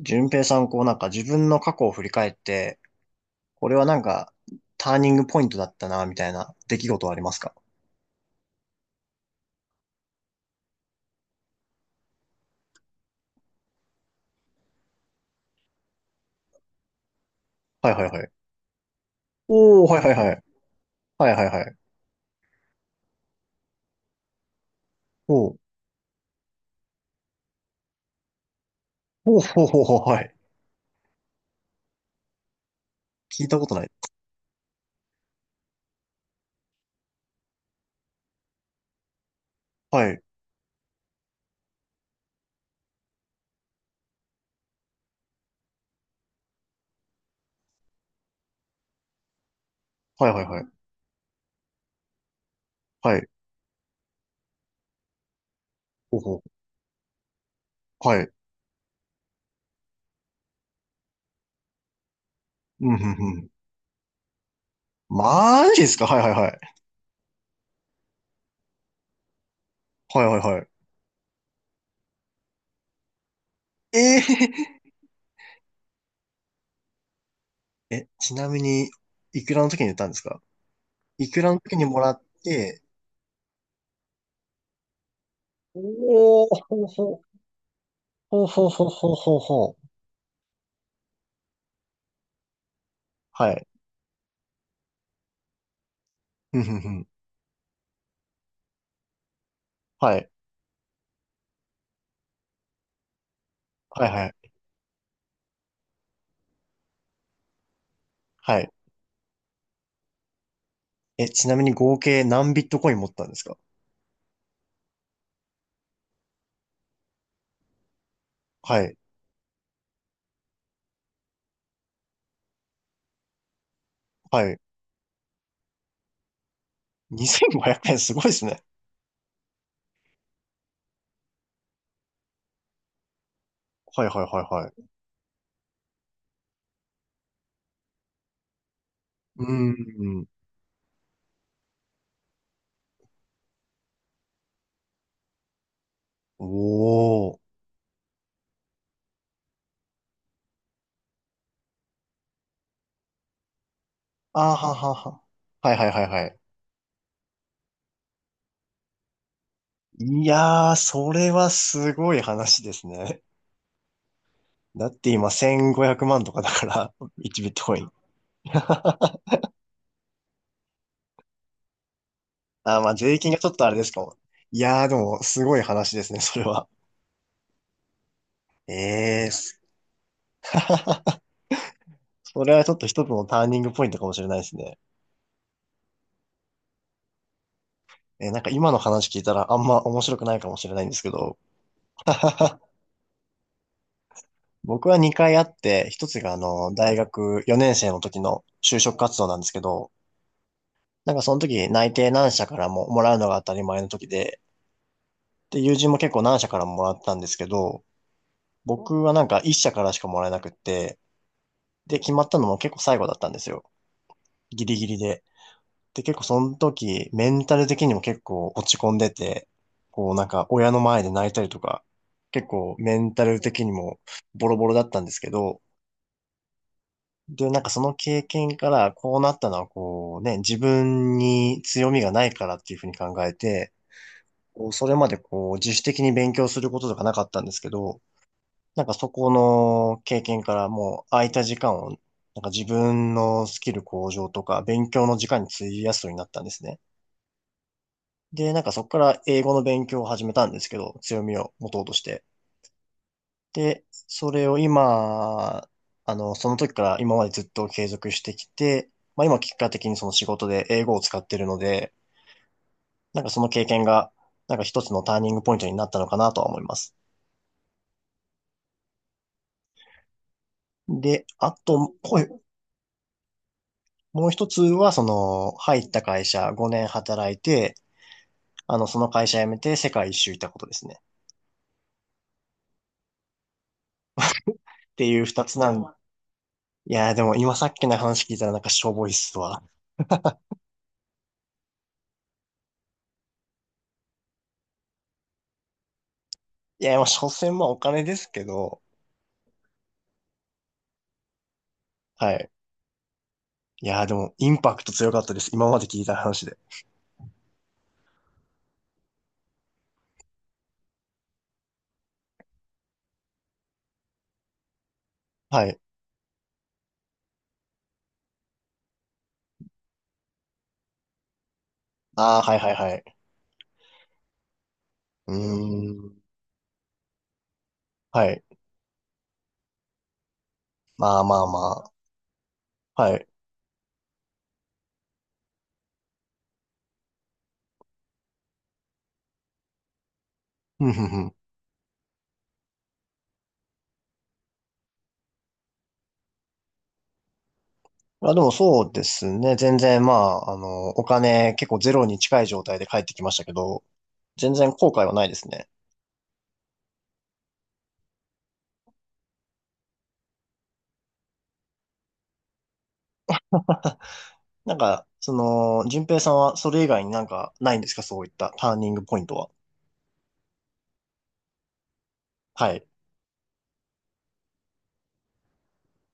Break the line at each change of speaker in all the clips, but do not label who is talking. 順平さん、こうなんか自分の過去を振り返って、これはなんかターニングポイントだったな、みたいな出来事はありますか？はいはいはい。おー、はいはいはい。はいはいはい。おー、おー、ほうほうほう、はい。聞いたことない。はい、はいはいはい。はい、ほうほう、はい。うん、ふんふん。マジですか？はいはいはい。はいはいはい。ええ、ちなみに、いくらの時に言ったんですか？いくらの時にもらって、おー、ほうほう、ほうほうほうほうほうほう。はい。うん、ふんふん。はい。はいはい。はい。え、ちなみに合計何ビットコイン持ったんですか？はい。はい。2500円すごいですね。はいはいはいはい。うん。おー。あははは。はいはいはいはい。いやー、それはすごい話ですね。だって今1500万とかだから、1ビットコイン。あー、まあ税金がちょっとあれですかも。いやー、でもすごい話ですね、それは。ええー。それはちょっと一つのターニングポイントかもしれないですね。なんか今の話聞いたらあんま面白くないかもしれないんですけど、僕は2回あって、1つが大学4年生の時の就職活動なんですけど、なんかその時内定何社からももらうのが当たり前の時で、で、友人も結構何社からももらったんですけど、僕はなんか1社からしかもらえなくって、で、決まったのも結構最後だったんですよ。ギリギリで。で、結構その時、メンタル的にも結構落ち込んでて、こうなんか親の前で泣いたりとか、結構メンタル的にもボロボロだったんですけど、で、なんかその経験からこうなったのはこうね、自分に強みがないからっていうふうに考えて、こうそれまでこう自主的に勉強することとかなかったんですけど、なんかそこの経験からもう空いた時間をなんか自分のスキル向上とか勉強の時間に費やすようになったんですね。で、なんかそこから英語の勉強を始めたんですけど、強みを持とうとして。で、それを今、その時から今までずっと継続してきて、まあ今結果的にその仕事で英語を使ってるので、なんかその経験が、なんか一つのターニングポイントになったのかなとは思います。で、あと、こうもう一つは、その、入った会社5年働いて、その会社辞めて世界一周行ったことですね。っていう二つなん、いやーでも今さっきの話聞いたらなんかしょぼいっすわ。いや、まあ、所詮まあお金ですけど、はい。いや、でも、インパクト強かったです。今まで聞いた話で。はい。ああ、はいはいはい。うーん。はい。まあまあまあ。はい。ふんふんふん。まあでもそうですね。全然まあ、お金結構ゼロに近い状態で帰ってきましたけど、全然後悔はないですね。なんか、その、順平さんはそれ以外になんかないんですか？そういったターニングポイントは。はい。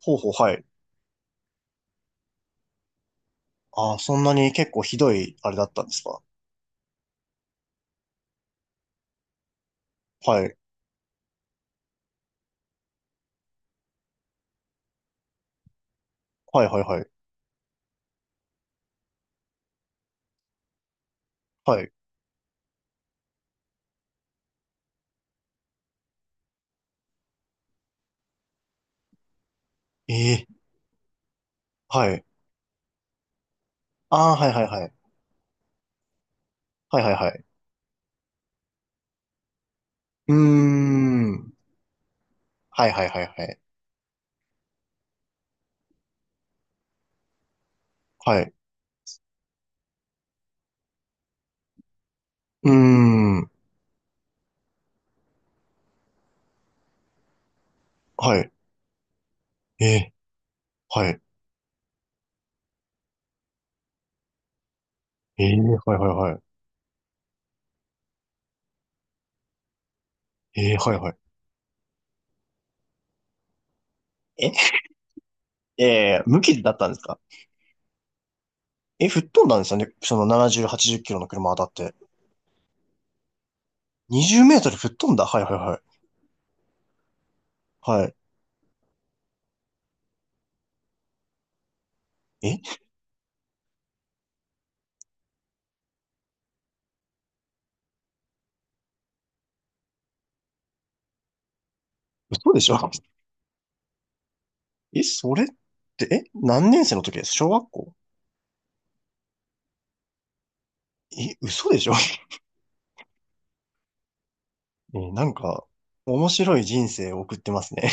ほうほう、はい。ああ、そんなに結構ひどいあれだったんですか？はい。はいはいはい。はい。ええ、はい。ああ、はいはいはい。はいはいはい。うーん。はいはいはいはい。はい。うーん。はい。ええ、はい。ええ、はいはいはい。ええ、はいはい。え、ええ、無傷だったんですか？え、吹っ飛んだんですよね。その70、80キロの車当たって。20メートル吹っ飛んだ。はいはいはい。はい。え、嘘でしょ？ え、それって、え、何年生の時です？小学校？え、嘘でしょ？ え、なんか、面白い人生を送ってますね。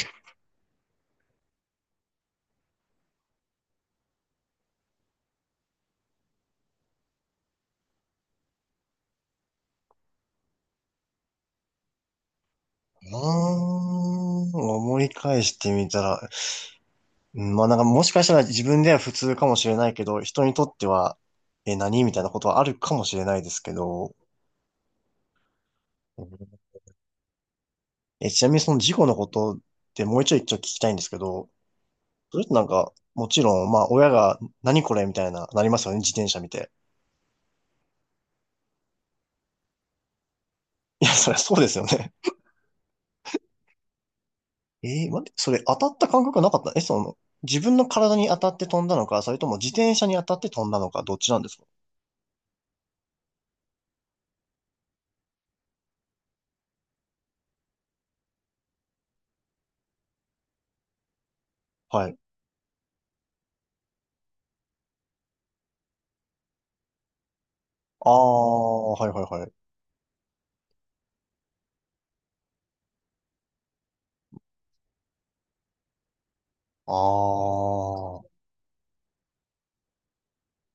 あー、思い返してみたら、うん、まあなんかもしかしたら自分では普通かもしれないけど、人にとっては、え、何みたいなことはあるかもしれないですけど、うん。え、ちなみにその事故のことってもう一度一応聞きたいんですけど、それってなんか、もちろん、まあ親が何これみたいな、なりますよね、自転車見て。いや、そりゃそうですよね。待って、それ当たった感覚なかった？え、その、自分の体に当たって飛んだのか、それとも自転車に当たって飛んだのか、どっちなんですか？はい。ああ、はいはいはい。ああ。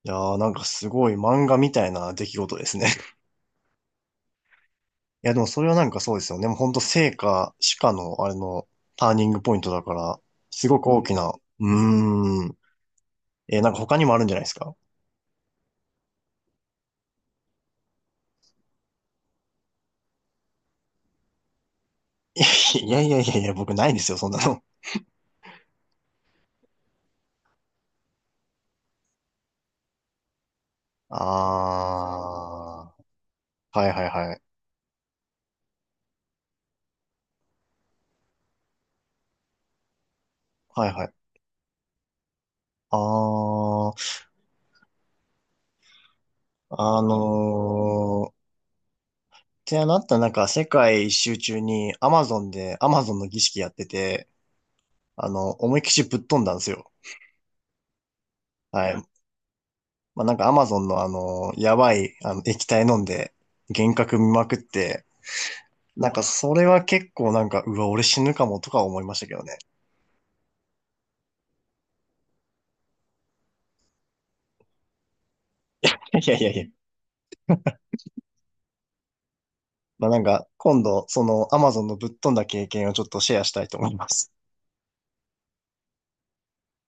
いやーなんかすごい漫画みたいな出来事ですね。いや、でもそれはなんかそうですよね。もうほんと生か死かの、あれの、ターニングポイントだから、すごく大きな。うーん。なんか他にもあるんじゃないですか？ いやいやいやいや、僕ないですよ、そんなの。ああ。はいはいはい。はいはい。ああ。ってなったなんか世界一周中に Amazon で Amazon の儀式やってて、思いっきしぶっ飛んだんですよ。はい。まあ、なんかアマゾンのやばい、液体飲んで、幻覚見まくって、なんかそれは結構なんか、うわ、俺死ぬかもとか思いましたけどね。いやいやいやいや。まあ、なんか、今度、そのアマゾンのぶっ飛んだ経験をちょっとシェアしたいと思います。